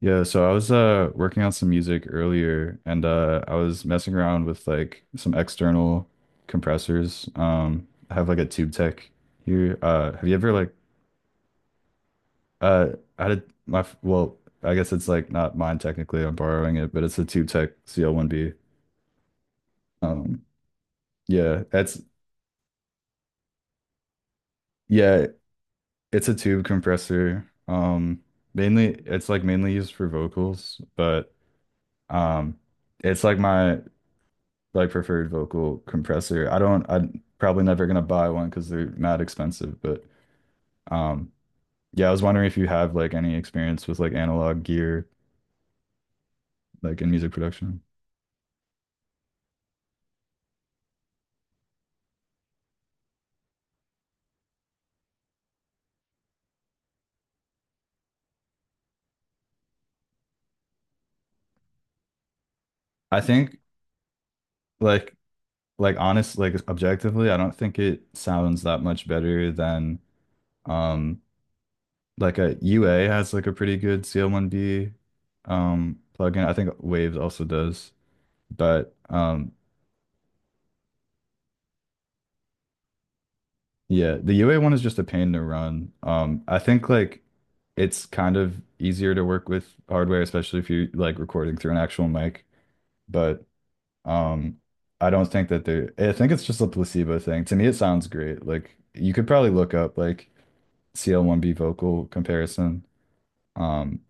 Yeah, so I was working on some music earlier and I was messing around with like some external compressors. I have like a Tube Tech here. Have you ever like uh I had my f- well, I guess it's like not mine technically. I'm borrowing it, but it's a Tube Tech CL1B. Um yeah, that's yeah, it's a tube compressor. Mainly it's like mainly used for vocals, but um it's like my like preferred vocal compressor. I don't, I'm probably never gonna buy one because they're mad expensive, but um yeah, I was wondering if you have like any experience with like analog gear like in music production. I think like like honest like objectively, I don't think it sounds that much better than um like a UA has like a pretty good CL1B plugin. I think Waves also does, but yeah, the UA one is just a pain to run. I think like it's kind of easier to work with hardware, especially if you're like recording through an actual mic. But um, I don't think that they're, I think it's just a placebo thing. To me, it sounds great. Like you could probably look up like CL1B vocal comparison. Um,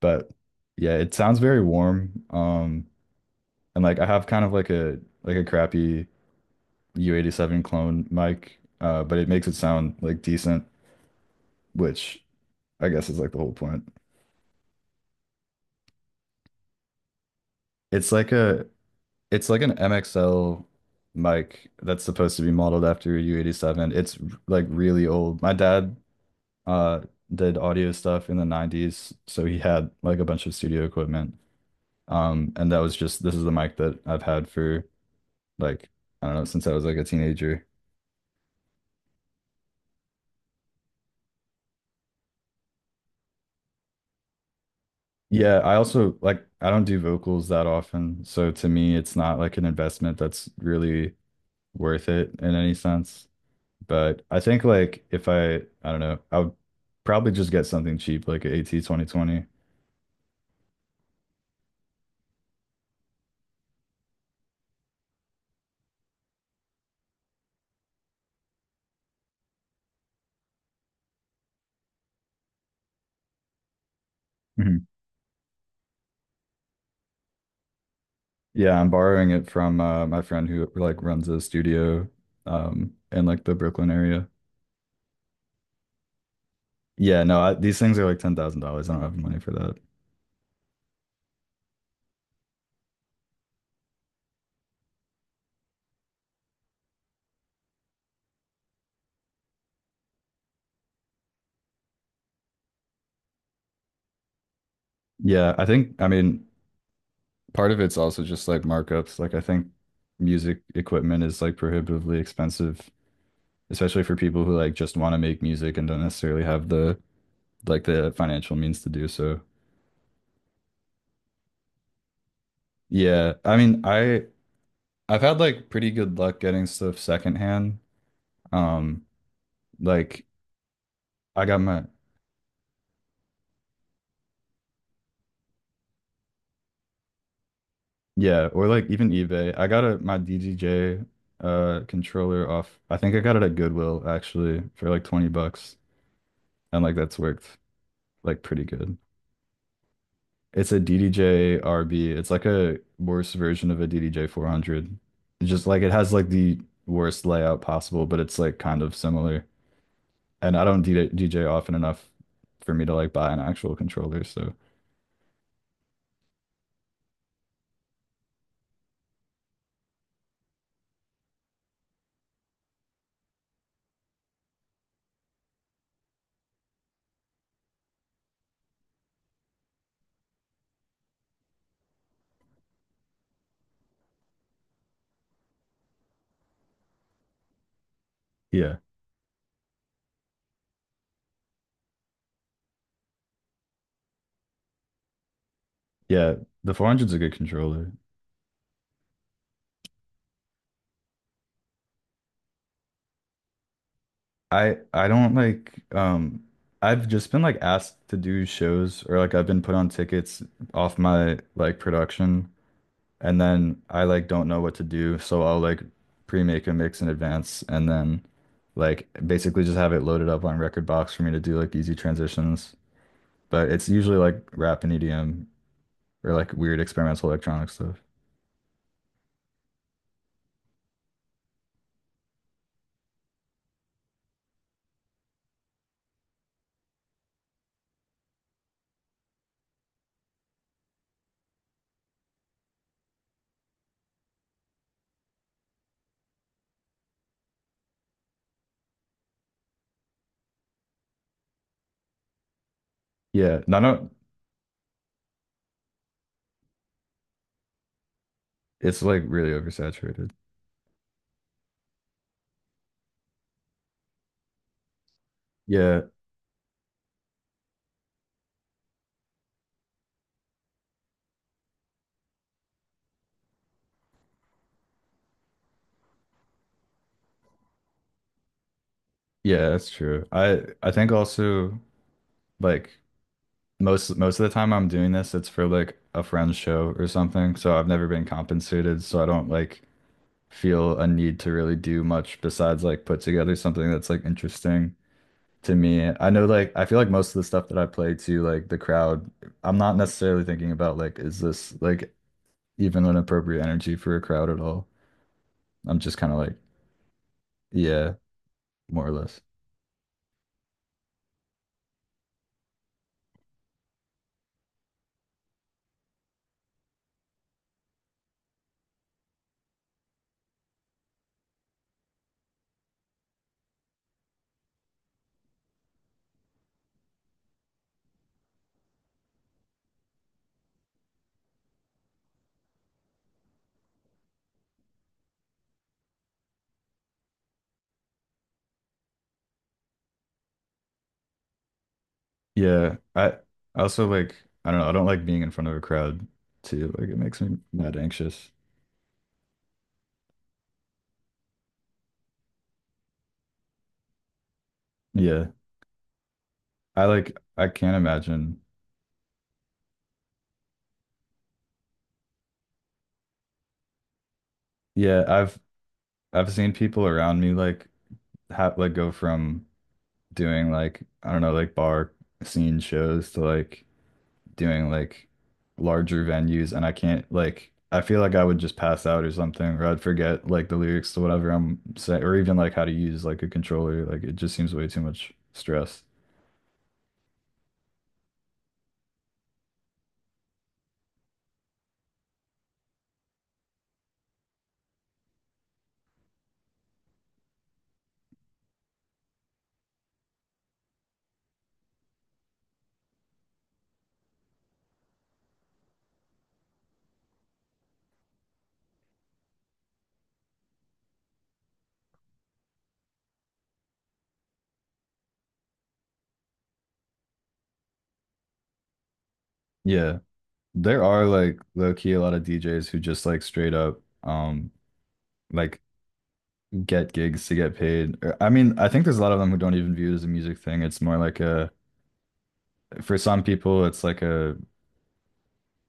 but yeah, it sounds very warm. And like I have kind of like a crappy U87 clone mic, but it makes it sound like decent, which I guess is like the whole point. It's like a it's like an MXL mic that's supposed to be modeled after a U87. It's like really old. My dad uh did audio stuff in the 90s, so he had like a bunch of studio equipment. And that was just this is the mic that I've had for like I don't know since I was like a teenager. Yeah, I also like I don't do vocals that often, so to me it's not like an investment that's really worth it in any sense. But I think like if I I don't know, I would probably just get something cheap like an AT 2020. Mhm. Yeah, I'm borrowing it from my friend who like runs a studio in like the Brooklyn area. Yeah, no, these things are like $10,000. I don't have the money for that. Yeah, I think I mean part of it's also just like markups. Like I think music equipment is like prohibitively expensive, especially for people who like just want to make music and don't necessarily have the like the financial means to do so. Yeah, I mean, I've had like pretty good luck getting stuff secondhand. Um, like I got my yeah, or like even eBay. I got a my DJJ controller off. I think I got it at Goodwill actually for like 20 bucks and like that's worked like pretty good. It's a DDJ RB. It's like a worse version of a DDJ 400. It's just like it has like the worst layout possible, but it's like kind of similar. And I don't DJ often enough for me to like buy an actual controller, so yeah. Yeah, the 400's a good controller. I don't like I've just been like asked to do shows or like I've been put on tickets off my like production and then I like don't know what to do, so I'll like pre-make a mix in advance and then like basically just have it loaded up on Record Box for me to do like easy transitions. But it's usually like rap and EDM or like weird experimental electronic stuff. Yeah, no, no, it's like really oversaturated. Yeah. Yeah, that's true. I think also like most of the time I'm doing this, it's for like a friend's show or something. So I've never been compensated, so I don't like feel a need to really do much besides like put together something that's like interesting to me. I know like I feel like most of the stuff that I play to like the crowd, I'm not necessarily thinking about like is this like even an appropriate energy for a crowd at all. I'm just kind of like, yeah, more or less. Yeah, I also like I don't know, I don't like being in front of a crowd too. Like it makes me mad anxious. Yeah. I like I can't imagine. Yeah, I've seen people around me like have like go from doing like I don't know, like bar scene shows to like doing like larger venues, and I can't like I feel like I would just pass out or something or I'd forget like the lyrics to whatever I'm saying or even like how to use like a controller. Like it just seems way too much stress. Yeah. There are like low key a lot of DJs who just like straight up like get gigs to get paid. I mean, I think there's a lot of them who don't even view it as a music thing. It's more like a for some people it's like a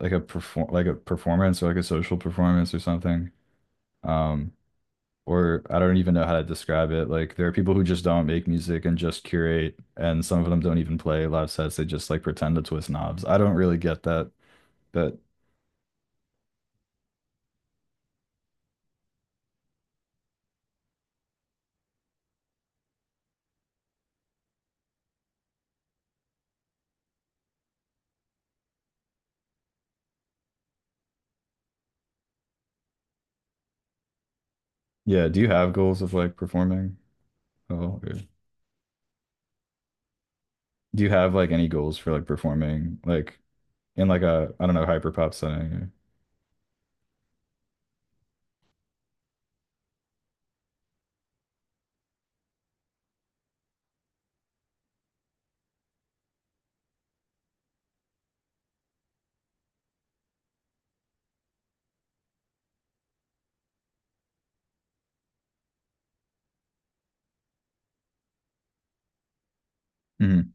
performance or like a social performance or something. Um or I don't even know how to describe it. Like there are people who just don't make music and just curate and some of them don't even play live sets. They just like pretend to twist knobs. I don't really get that. But yeah, do you have goals of like performing? Oh, do you have like any goals for like performing like in like a I don't know hyper pop setting? Hmm.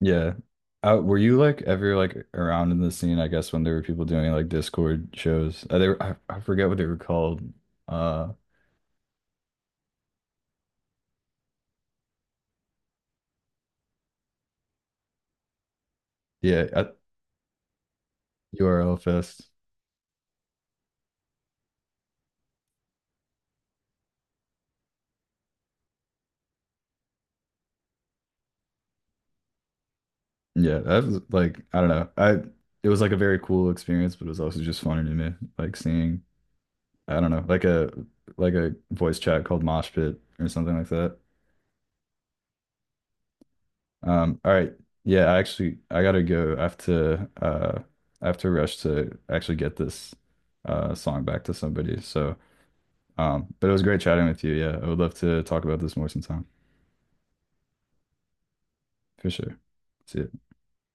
Yeah. Were you like ever like around in the scene? I guess when there were people doing like Discord shows, they were, I forget what they were called. Uh, yeah, at URL Fest. Yeah, that was like I don't know. I it was like a very cool experience, but it was also just funny to me, like seeing I don't know, like a voice chat called Mosh Pit or something like that. All right. Yeah, I actually I gotta go. I have to rush to actually get this song back to somebody. So but it was great chatting with you. Yeah, I would love to talk about this more sometime. For sure. See ya.